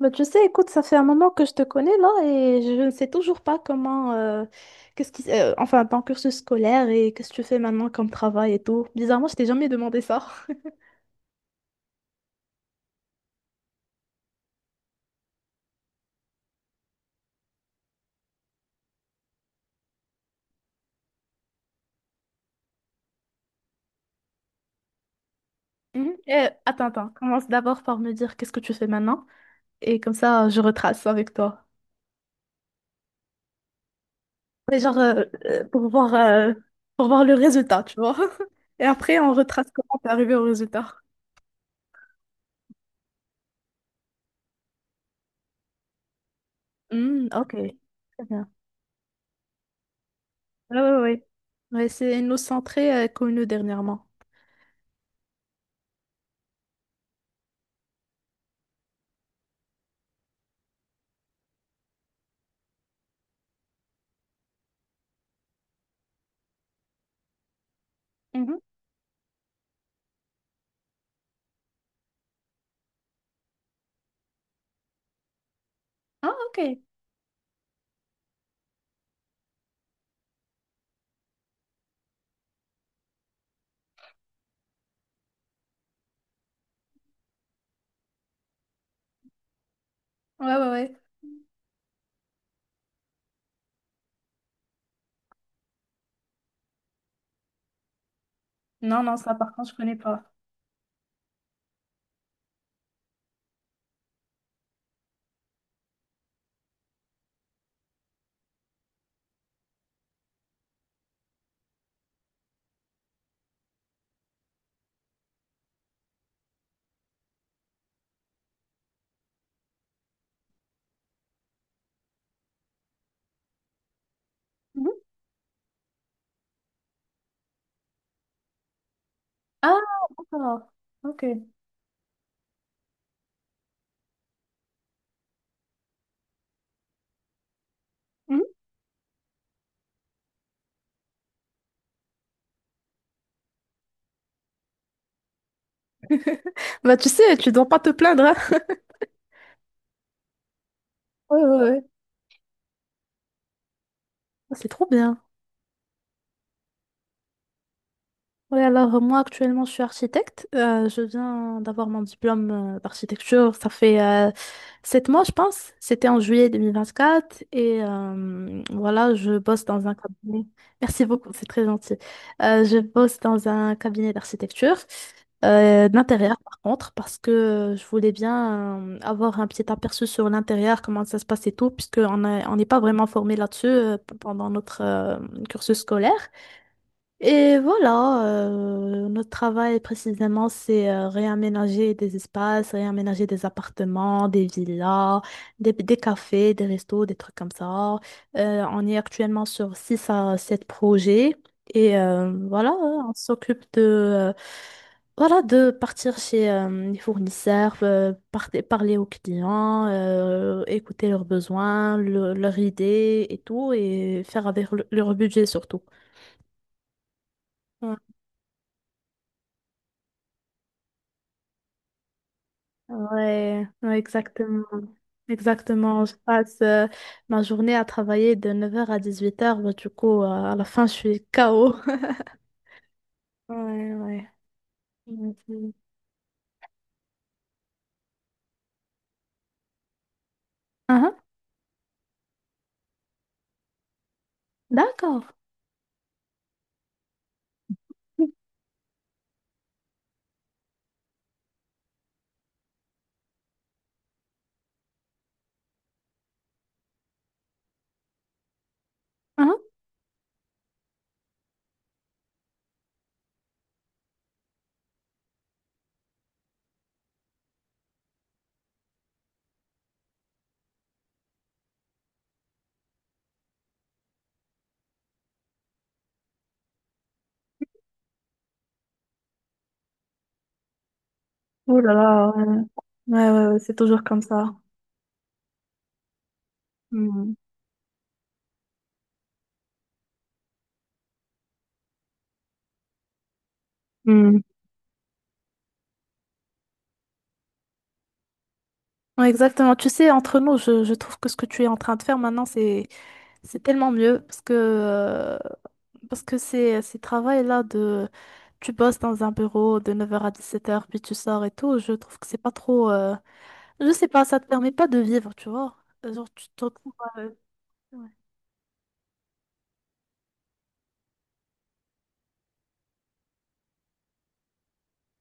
Bah, tu sais, écoute, ça fait un moment que je te connais là et je ne sais toujours pas comment, qu'est-ce qui, enfin, ton cursus scolaire et qu'est-ce que tu fais maintenant comme travail et tout. Bizarrement, je t'ai jamais demandé ça. Mhm. Attends, commence d'abord par me dire qu'est-ce que tu fais maintenant et comme ça, je retrace avec toi. Mais genre, pour voir le résultat, tu vois. Et après, on retrace comment t'es arrivé au résultat. Hmm, ok. Très bien. Ouais, ouais, ouais. Ouais, c'est une nous centrée connue dernièrement. Mhm. Ah, ok. Ouais, ouais, ouais. Non, non, ça par contre, je connais pas. Mhm. Ah, d'accord. Ok. Mhm. Bah, tu sais, tu dois pas te plaindre, hein. Ouais, ouais, oui. C'est trop bien. Oui, alors moi actuellement je suis architecte. Je viens d'avoir mon diplôme d'architecture. Ça fait 7 mois, je pense. C'était en juillet 2024. Et voilà, je bosse dans un cabinet. Merci beaucoup, c'est très gentil. Je bosse dans un cabinet d'architecture, d'intérieur par contre, parce que je voulais bien avoir un petit aperçu sur l'intérieur, comment ça se passe et tout, puisque on n'est pas vraiment formé là-dessus pendant notre cursus scolaire. Et voilà, notre travail précisément, c'est réaménager des espaces, réaménager des appartements, des villas, des cafés, des restos, des trucs comme ça. On est actuellement sur 6 à 7 projets et voilà, on s'occupe de, voilà, de partir chez les fournisseurs, parler aux clients, écouter leurs besoins, leurs idées et tout, et faire avec leur budget surtout. Ouais, ouais, exactement. Exactement. Je passe ma journée à travailler de 9 h à 18 h. Bah, du coup, à la fin, je suis KO. Ouais, ouais. Ouais, c'est- Ah, ah, d'accord. Ah, ah. Oh là là, ouais, ouais, c'est toujours comme ça. Hmm, hmm. Ouais, exactement. Tu sais, entre nous, je trouve que ce que tu es en train de faire maintenant, c'est tellement mieux parce que ces travails-là de tu bosses dans un bureau de 9 h à 17 h puis tu sors et tout, je trouve que c'est pas trop. Je sais pas, ça te permet pas de vivre, tu vois. Genre, tu te retrouves. Ouais,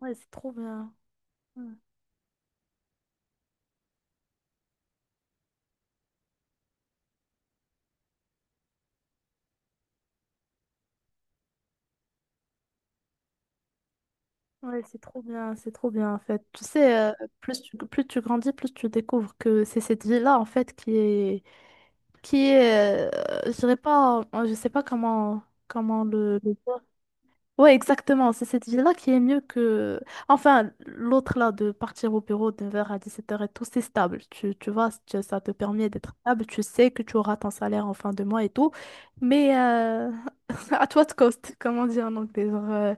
ouais, c'est trop bien. Ouais, ouais, c'est trop bien, en fait. Tu sais, plus tu grandis, plus tu découvres que c'est cette vie-là, en fait, qui est... Qui est... je dirais pas. Je sais pas comment, comment le dire. Ouais, exactement. C'est cette vie-là qui est mieux que... Enfin, l'autre là, de partir au bureau de 9 h à 17 h et tout, c'est stable. Tu vois, ça te permet d'être stable. Tu sais que tu auras ton salaire en fin de mois et tout. Mais à toi de cost, comme on dit en anglais. Genre, euh,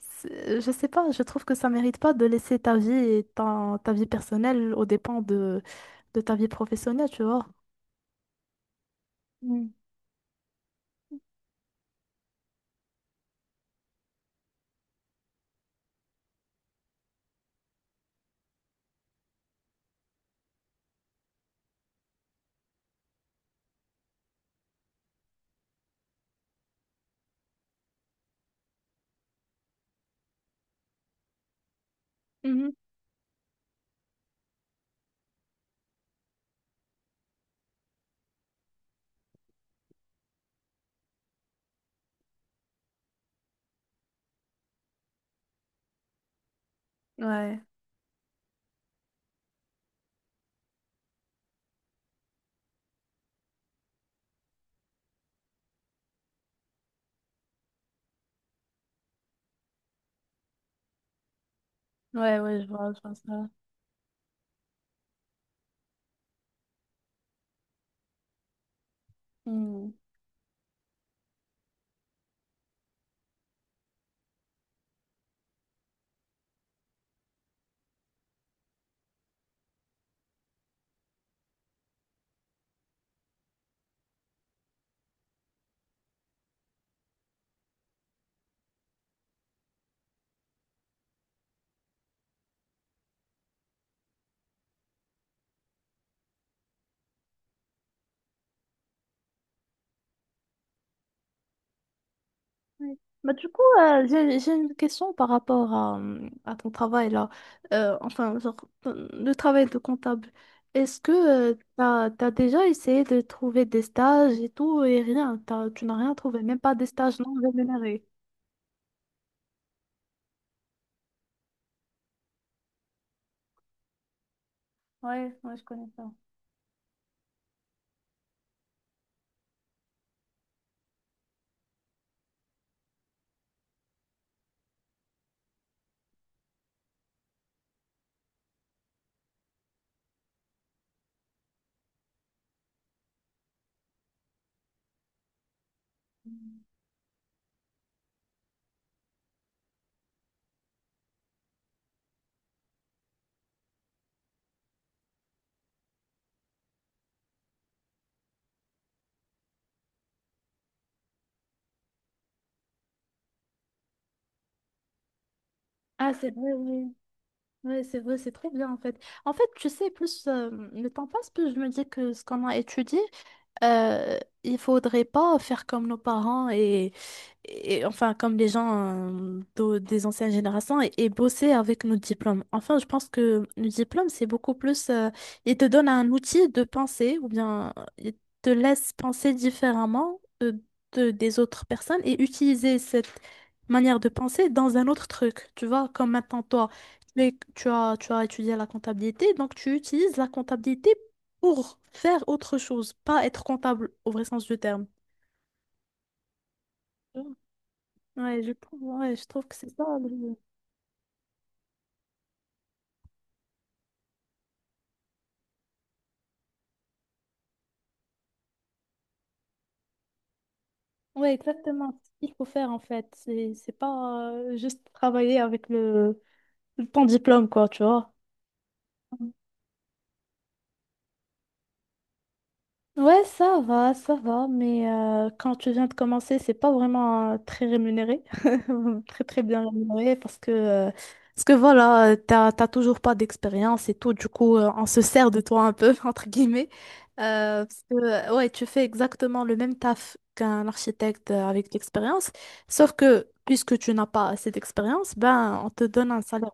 c'est- je sais pas, je trouve que ça mérite pas de laisser ta vie et ta vie personnelle aux dépens de ta vie professionnelle, tu vois. Mm. Mhm. Ouais, ouais, ouais, je vois ça. Mm. Oui. Bah, du coup, j'ai une question par rapport à ton travail là. Enfin, genre, le travail de comptable. Est-ce que t'as déjà essayé de trouver des stages et tout et rien? Tu n'as rien trouvé, même pas des stages non rémunérés. Ouais, ouais, je connais ça. Ah, c'est vrai, oui. Oui, c'est vrai, c'est trop bien en fait. En fait, tu sais, plus le temps passe, plus je me dis que ce qu'on a étudié, euh, il faudrait pas faire comme nos parents et enfin comme les gens des anciennes générations et bosser avec nos diplômes. Enfin, je pense que nos diplômes, c'est beaucoup plus... ils te donnent un outil de penser ou bien ils te laissent penser différemment de, des autres personnes et utiliser cette manière de penser dans un autre truc. Tu vois, comme maintenant toi, tu as étudié la comptabilité, donc tu utilises la comptabilité pour faire autre chose, pas être comptable au vrai sens du terme. Ouais, je trouve que c'est ça. Ouais, exactement. C'est ce qu'il faut faire en fait. C'est pas juste travailler avec ton diplôme, quoi, tu vois. Ouais, ça va, mais quand tu viens de commencer, c'est pas vraiment très rémunéré, très très bien rémunéré, parce que voilà, t'as toujours pas d'expérience et tout, du coup, on se sert de toi un peu, entre guillemets, parce que, ouais, tu fais exactement le même taf qu'un architecte avec de l'expérience, sauf que, puisque tu n'as pas assez d'expérience, ben, on te donne un salaire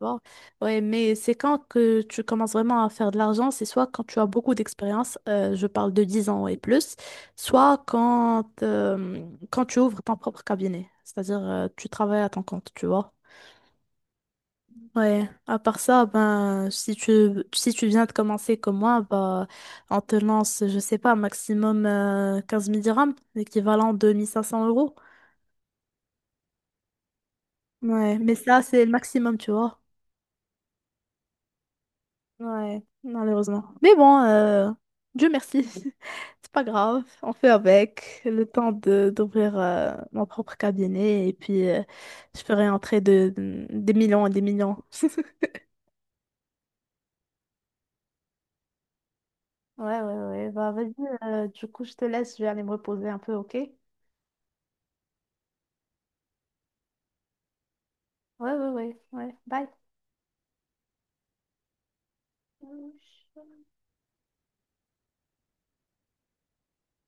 bas. Ouais, mais c'est quand que tu commences vraiment à faire de l'argent, c'est soit quand tu as beaucoup d'expérience, je parle de 10 ans et plus, soit quand, quand tu ouvres ton propre cabinet, c'est-à-dire tu travailles à ton compte, tu vois. Ouais, à part ça, ben, si tu viens de commencer comme moi, bah, on te lance, je sais pas, maximum 15 000 dirhams, l'équivalent de 1 500 euros. Ouais, mais ça, c'est le maximum, tu vois. Ouais, malheureusement. Mais bon, Dieu merci. C'est pas grave, on fait avec. Le temps de d'ouvrir mon propre cabinet et puis je ferai entrer de, des millions et des millions. Ouais, ouais, ouais. Bah, vas-y, du coup, je te laisse, je vais aller me reposer un peu, ok? Ouais, ouais, ouais, ouais. Bye.